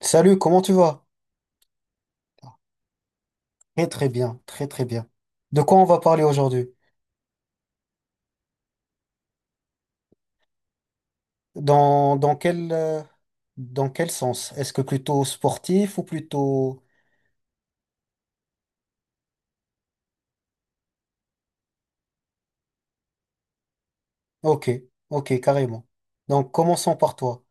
Salut, comment tu vas? Très très bien, très très bien. De quoi on va parler aujourd'hui? Dans, dans quel, euh, dans quel sens? Est-ce que plutôt sportif ou plutôt? Ok, ok, carrément. Donc commençons par toi.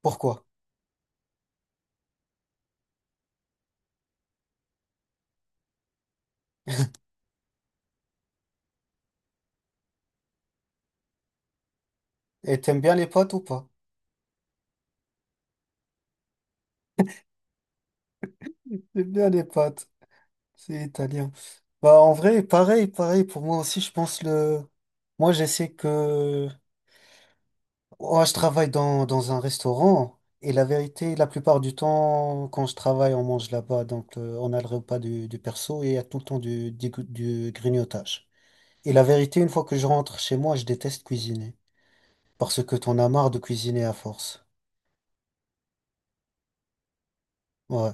Pourquoi? Et t'aimes bien les pâtes ou pas? J'aime bien les pâtes, c'est italien. Bah en vrai, pareil, pareil, pour moi aussi, je pense le. Moi j'essaie que. Ouais, je travaille dans un restaurant et la vérité, la plupart du temps, quand je travaille, on mange là-bas. Donc, on a le repas du perso et il y a tout le temps du grignotage. Et la vérité, une fois que je rentre chez moi, je déteste cuisiner parce que t'en as marre de cuisiner à force. Ouais.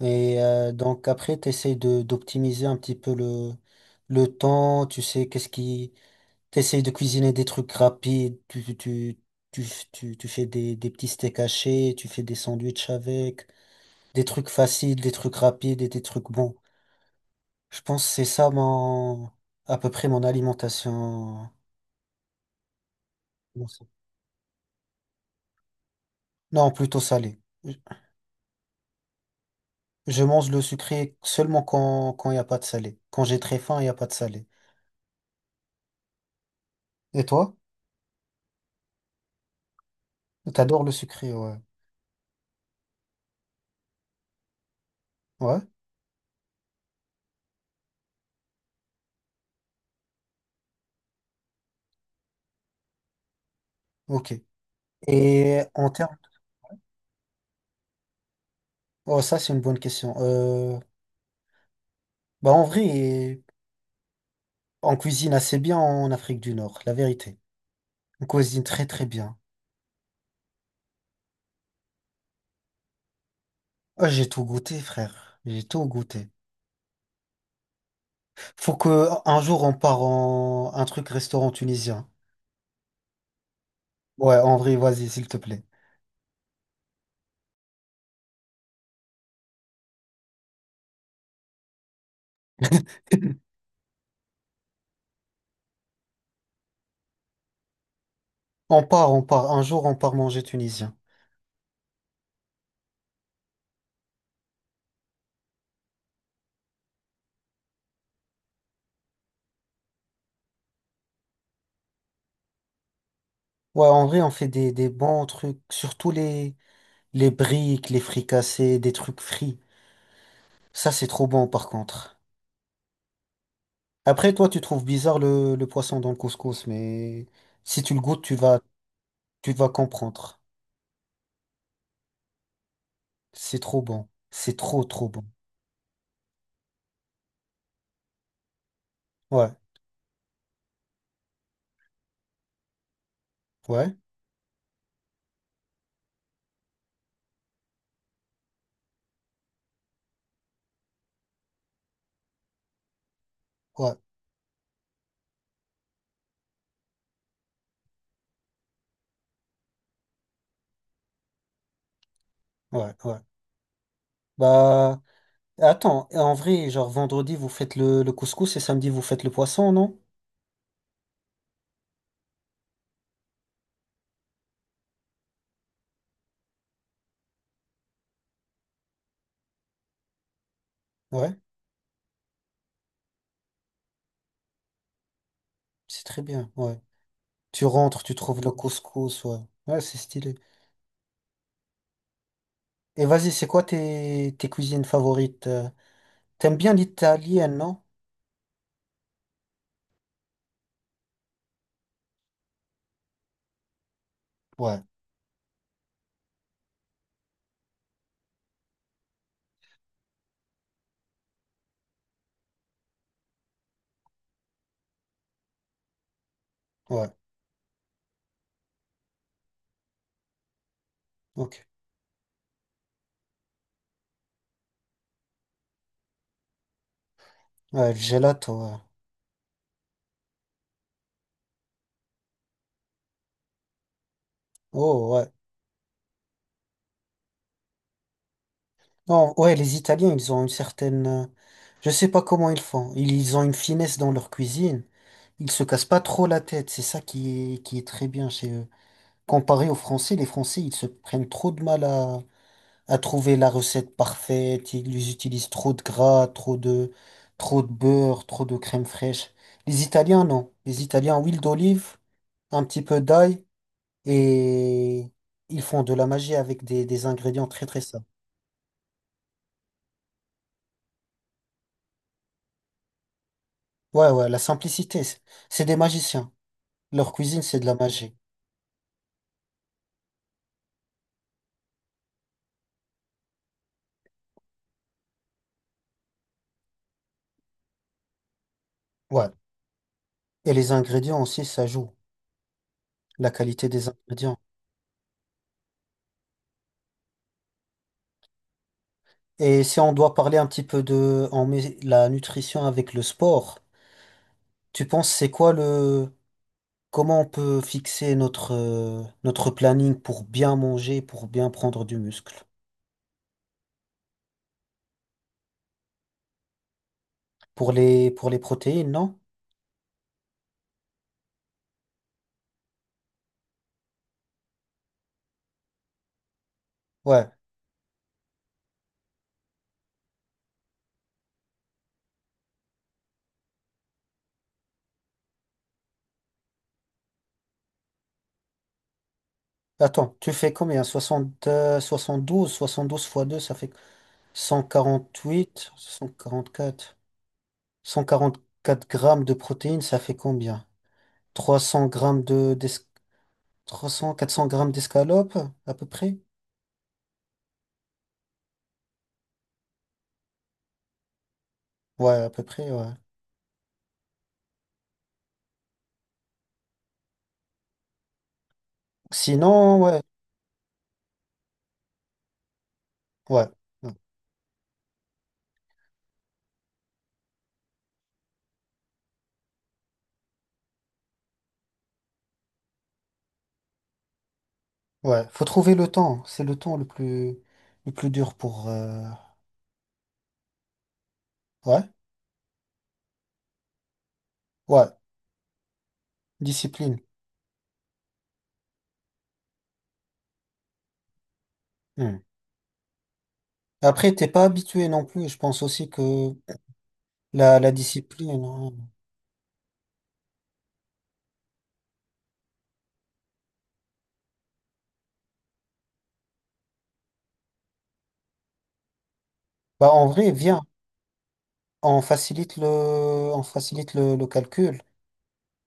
Et donc, après, t'essayes d'optimiser un petit peu le temps. Tu sais, qu'est-ce qui. T'essayes de cuisiner des trucs rapides. Tu, tu fais des petits steaks hachés, tu fais des sandwichs avec des trucs faciles, des trucs rapides et des trucs bons. Je pense que c'est ça à peu près mon alimentation. Non, plutôt salé. Je mange le sucré seulement quand il n'y a pas de salé. Quand j'ai très faim, il n'y a pas de salé. Et toi? T'adores le sucré, ouais. Ouais? Ok. Et en termes. Oh, ça, c'est une bonne question. Bah, en vrai, on cuisine assez bien en Afrique du Nord, la vérité. On cuisine très, très bien. Ah, j'ai tout goûté, frère. J'ai tout goûté. Faut que un jour on part en un truc restaurant tunisien. Ouais, en vrai, vas-y, s'il te plaît. On part, on part. Un jour, on part manger tunisien. Ouais, en vrai, on fait des bons trucs. Surtout les briques, les fricassés, des trucs frits. Ça, c'est trop bon, par contre. Après, toi, tu trouves bizarre le poisson dans le couscous, mais si tu le goûtes, tu vas comprendre. C'est trop bon. C'est trop, trop bon. Ouais, ouais, ouais, ouais, ouais. Bah, attends, en vrai, genre vendredi, vous faites le couscous et samedi, vous faites le poisson, non? Ouais, c'est très bien, ouais. Tu rentres, tu trouves le couscous, ouais. Ouais, c'est stylé. Et vas-y, c'est quoi tes cuisines favorites? T'aimes bien l'italienne, non? Ouais, ouais, ok. Ouais, le gelato, ouais. Oh, ouais. Non, ouais, les Italiens, ils ont une certaine, je sais pas comment ils font. Ils ont une finesse dans leur cuisine. Ils se cassent pas trop la tête. C'est ça qui est très bien chez eux. Comparé aux Français, les Français, ils se prennent trop de mal à trouver la recette parfaite. Ils utilisent trop de gras, trop de beurre, trop de crème fraîche. Les Italiens, non. Les Italiens, huile d'olive, un petit peu d'ail et ils font de la magie avec des ingrédients très très simples. Ouais, ouais, la simplicité, c'est des magiciens. Leur cuisine, c'est de la magie. Ouais. Et les ingrédients aussi, ça joue. La qualité des ingrédients. Et si on doit parler un petit peu la nutrition avec le sport, tu penses c'est quoi le comment on peut fixer notre planning pour bien manger, pour bien prendre du muscle? Pour les protéines, non? Ouais. Attends, tu fais combien? 60, 72, 72 fois 2, ça fait 148, 144. 144 grammes de protéines, ça fait combien? 300 grammes 300, 400 grammes d'escalope, à peu près? Ouais, à peu près, ouais. Sinon, ouais, ouais, ouais. Faut trouver le temps. C'est le temps le plus dur pour. Ouais, ouais. Discipline. Hmm. Après, t'es pas habitué non plus. Je pense aussi que la discipline, hein. Bah, en vrai, viens. On facilite le, on facilite le calcul.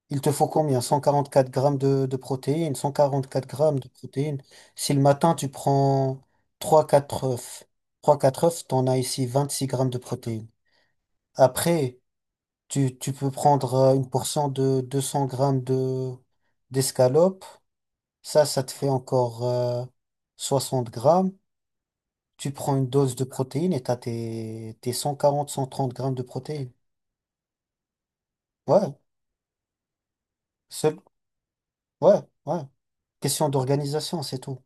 Il te faut combien? 144 grammes de protéines. 144 grammes de protéines. Si le matin, tu prends trois quatre œufs. Trois quatre œufs, t'en as ici 26 grammes de protéines. Après, tu peux prendre une portion de 200 grammes d'escalope. Ça te fait encore 60 grammes. Tu prends une dose de protéines et t'as tes 140 130 grammes de protéines. Ouais, seul, ouais, ouais. Question d'organisation, c'est tout.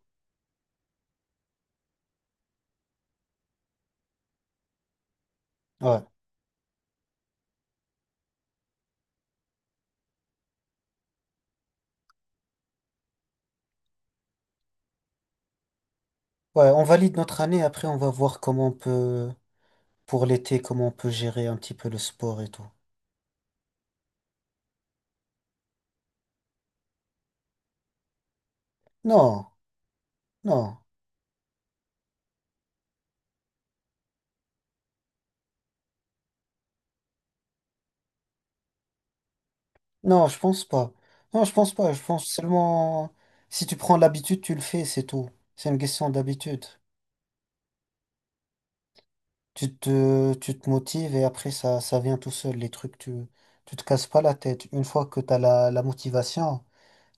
Ouais. Ouais, on valide notre année. Après, on va voir comment on peut, pour l'été, comment on peut gérer un petit peu le sport et tout. Non, non. Non, je pense pas. Non, je pense pas. Je pense seulement si tu prends l'habitude, tu le fais, c'est tout. C'est une question d'habitude. Tu te motives et après ça, ça vient tout seul. Les trucs, tu te casses pas la tête. Une fois que tu as la motivation,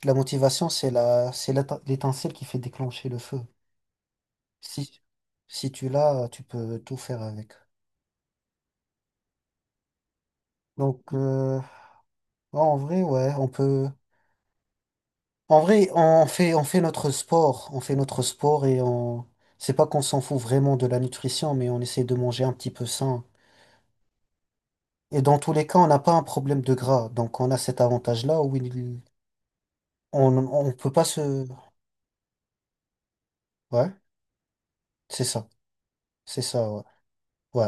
la motivation, c'est la, c'est l'éte- l'étincelle qui fait déclencher le feu. Si, si tu l'as, tu peux tout faire avec. Donc, ouais, en vrai, ouais, on peut. En vrai, on fait notre sport, on fait notre sport et on, c'est pas qu'on s'en fout vraiment de la nutrition, mais on essaie de manger un petit peu sain. Et dans tous les cas, on n'a pas un problème de gras, donc on a cet avantage-là où il, on peut pas se, ouais, c'est ça, c'est ça, ouais, ouais,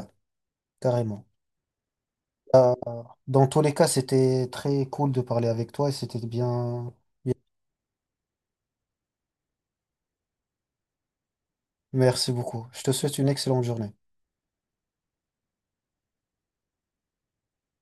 carrément. Dans tous les cas, c'était très cool de parler avec toi et c'était bien. Merci beaucoup. Je te souhaite une excellente journée.